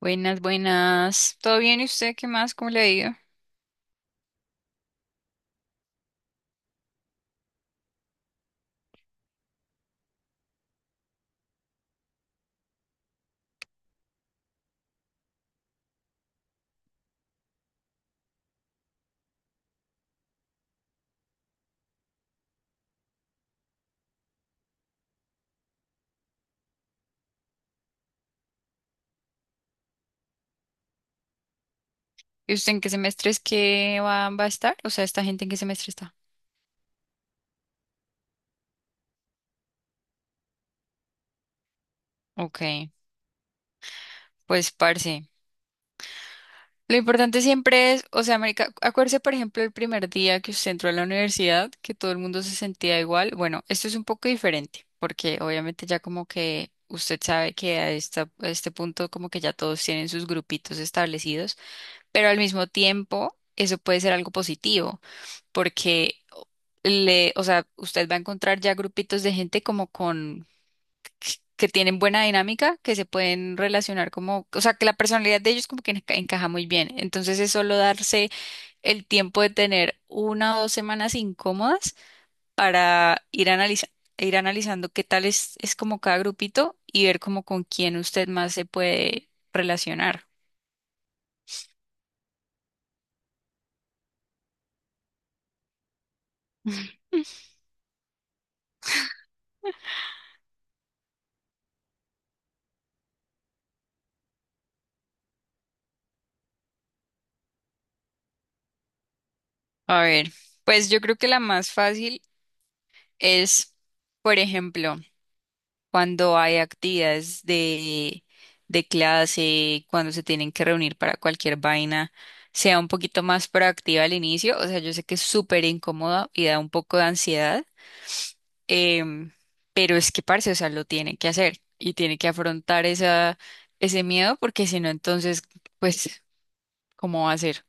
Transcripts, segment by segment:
Buenas, buenas. ¿Todo bien? ¿Y usted qué más? ¿Cómo le ha ido? ¿Y usted en qué semestre es? ¿Va a estar? O sea, ¿esta gente en qué semestre está? Ok, pues parce. Lo importante siempre es, o sea, marica, acuérdese, por ejemplo, el primer día que usted entró a la universidad, que todo el mundo se sentía igual. Bueno, esto es un poco diferente, porque obviamente ya como que usted sabe que a este punto como que ya todos tienen sus grupitos establecidos, pero al mismo tiempo eso puede ser algo positivo, porque le, o sea, usted va a encontrar ya grupitos de gente como con que tienen buena dinámica, que se pueden relacionar como, o sea, que la personalidad de ellos como que encaja muy bien. Entonces es solo darse el tiempo de tener una o dos semanas incómodas para ir analizando qué tal es como cada grupito y ver como con quién usted más se puede relacionar. A ver, pues yo creo que la más fácil es, por ejemplo, cuando hay actividades de clase, cuando se tienen que reunir para cualquier vaina, sea un poquito más proactiva al inicio. O sea, yo sé que es súper incómodo y da un poco de ansiedad, em, pero es que, parce, o sea, lo tiene que hacer y tiene que afrontar ese miedo porque si no, entonces, pues, ¿cómo va a ser?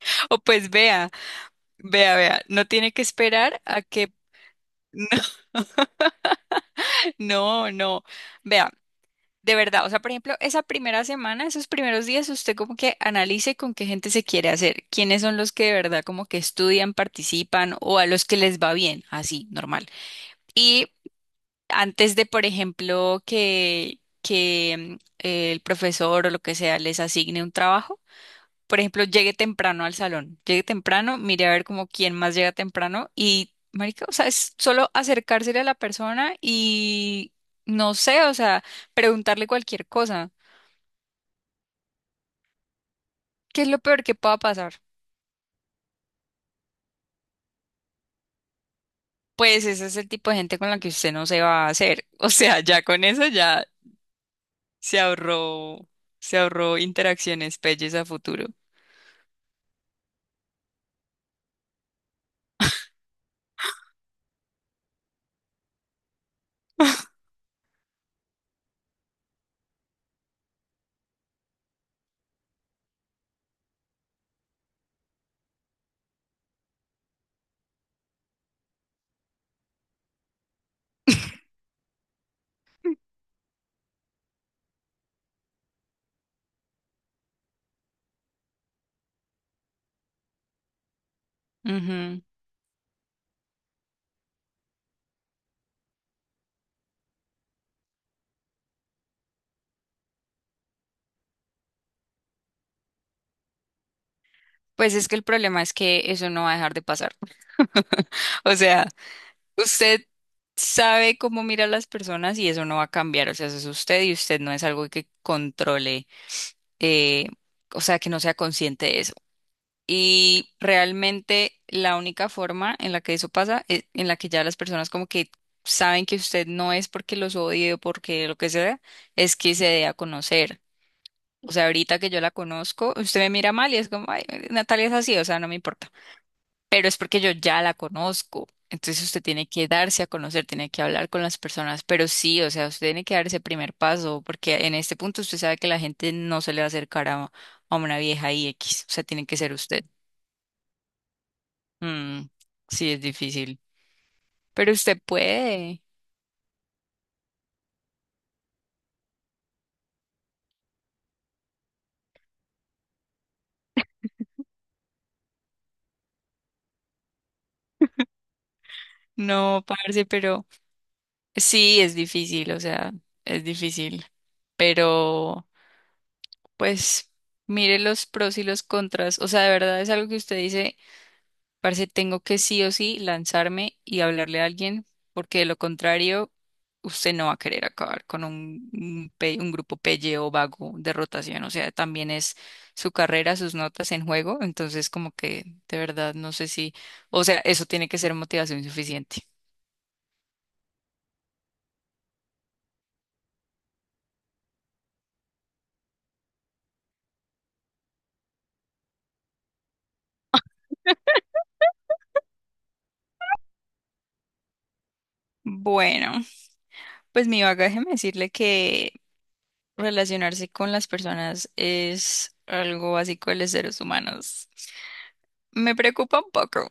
O pues vea, vea, no tiene que esperar a que... No, no, no. Vea. De verdad, o sea, por ejemplo, esa primera semana, esos primeros días, usted como que analice con qué gente se quiere hacer, quiénes son los que de verdad como que estudian, participan o a los que les va bien, así, normal. Y antes de, por ejemplo, que mm, el profesor o lo que sea les asigne un trabajo, por ejemplo, llegue temprano al salón, llegue temprano, mire a ver como quién más llega temprano y, marica, o sea, es solo acercársele a la persona y, no sé, o sea, preguntarle cualquier cosa. ¿Qué es lo peor que pueda pasar? Pues ese es el tipo de gente con la que usted no se va a hacer. O sea, ya con eso ya se ahorró, se ahorró interacciones pelles a futuro. Ujú. Pues es que el problema es que eso no va a dejar de pasar. O sea, usted sabe cómo mira a las personas y eso no va a cambiar. O sea, eso es usted y usted no es algo que controle, eh, o sea, que no sea consciente de eso. Y realmente la única forma en la que eso pasa es en la que ya las personas como que saben que usted no es porque los odie o porque lo que sea, es que se dé a conocer. O sea, ahorita que yo la conozco, usted me mira mal y es como, ay, Natalia es así, o sea, no me importa. Pero es porque yo ya la conozco. Entonces usted tiene que darse a conocer, tiene que hablar con las personas, pero sí, o sea, usted tiene que dar ese primer paso, porque en este punto usted sabe que la gente no se le va a acercar a una vieja y X, o sea, tiene que ser usted. Mm, sí, es difícil, pero usted puede. No, parce, pero sí, es difícil, o sea, es difícil, pero pues mire los pros y los contras, o sea, de verdad es algo que usted dice. Parce, tengo que sí o sí lanzarme y hablarle a alguien, porque de lo contrario, usted no va a querer acabar con un grupo pelle o vago de rotación. O sea, también es su carrera, sus notas en juego. Entonces, como que de verdad no sé si, o sea, eso tiene que ser motivación suficiente. Bueno, pues mi bagaje me decirle que relacionarse con las personas es algo básico de los seres humanos. Me preocupa un poco.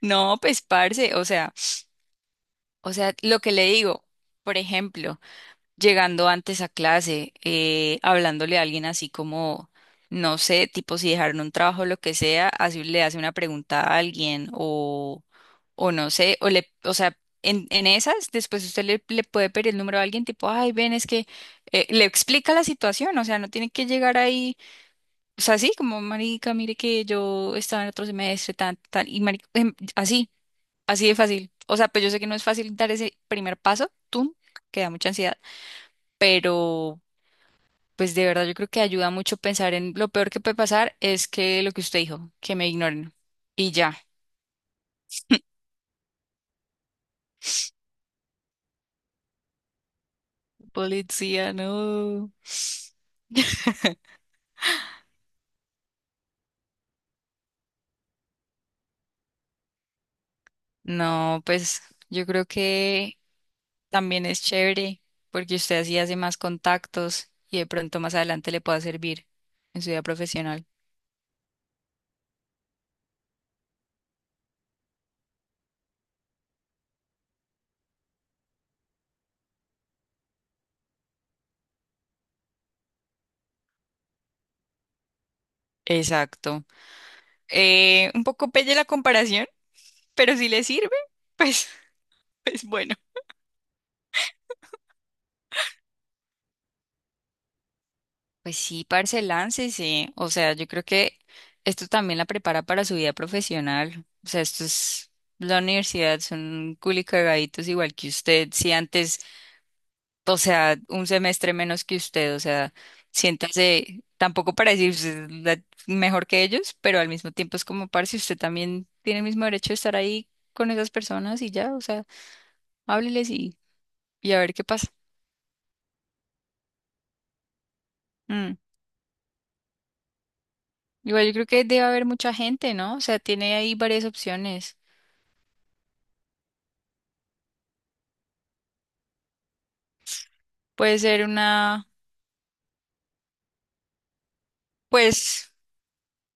No, pues parce, o sea. O sea, lo que le digo, por ejemplo, llegando antes a clase, hablándole a alguien así como, no sé, tipo si dejaron un trabajo o lo que sea, así le hace una pregunta a alguien o no sé, o le, o sea, en esas, después usted le puede pedir el número a alguien tipo, ay, ven, es que le explica la situación, o sea, no tiene que llegar ahí, o sea, así como, marica, mire que yo estaba en otro semestre, tan, tan, y marica, así. Así de fácil. O sea, pues yo sé que no es fácil dar ese primer paso, tú, que da mucha ansiedad, pero pues de verdad yo creo que ayuda mucho pensar en lo peor que puede pasar es que lo que usted dijo, que me ignoren. Y ya. Policía, no. No, pues yo creo que también es chévere porque usted así hace más contactos y de pronto más adelante le pueda servir en su vida profesional. Exacto. Un poco pelle la comparación, pero si le sirve, pues, pues bueno. Pues sí, parce, láncese. O sea, yo creo que esto también la prepara para su vida profesional. O sea, esto es la universidad, son culicagaditos igual que usted. Si antes, o sea, un semestre menos que usted, o sea, siéntase, tampoco para decir usted es mejor que ellos, pero al mismo tiempo es como, parce, usted también tiene el mismo derecho de estar ahí con esas personas y ya, o sea, hábleles y a ver qué pasa. Mm. Igual yo creo que debe haber mucha gente, ¿no? O sea, tiene ahí varias opciones. Puede ser una, pues,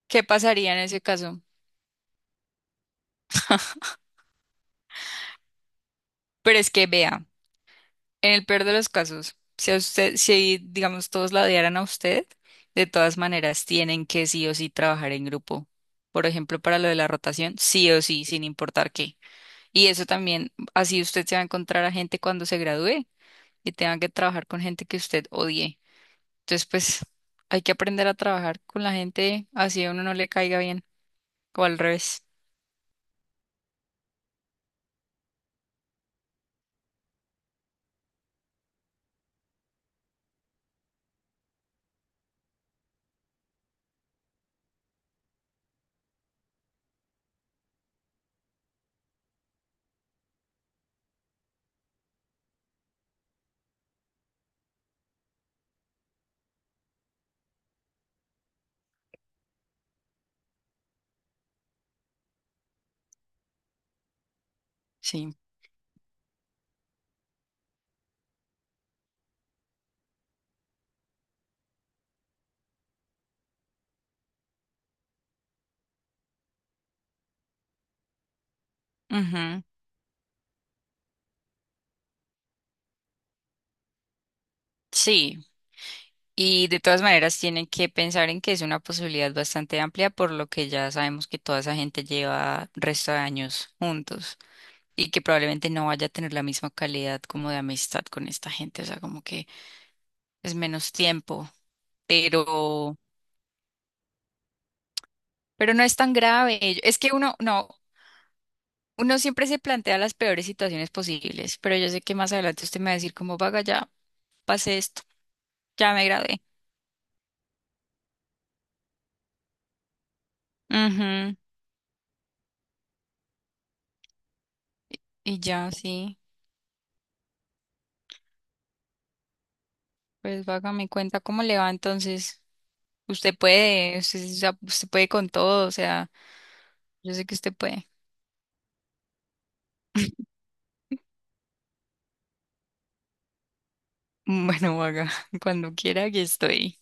¿qué pasaría en ese caso? Pero es que vea, en el peor de los casos, si a usted, si digamos todos la odiaran a usted, de todas maneras tienen que sí o sí trabajar en grupo. Por ejemplo, para lo de la rotación, sí o sí, sin importar qué. Y eso también, así usted se va a encontrar a gente cuando se gradúe y tenga que trabajar con gente que usted odie. Entonces, pues, hay que aprender a trabajar con la gente así a uno no le caiga bien o al revés. Sí. Ujú. Sí, y de todas maneras tienen que pensar en que es una posibilidad bastante amplia, por lo que ya sabemos que toda esa gente lleva resto de años juntos y que probablemente no vaya a tener la misma calidad como de amistad con esta gente, o sea, como que es menos tiempo, pero, pero no es tan grave. Es que uno, no, uno siempre se plantea las peores situaciones posibles, pero yo sé que más adelante usted me va a decir como, vaga, ya pasé esto, ya me gradué. Ujú, y ya, sí, pues vaga, me cuenta cómo le va entonces. Usted puede, usted, o sea, usted puede con todo, o sea, yo sé que usted puede. Bueno, haga cuando quiera, aquí estoy.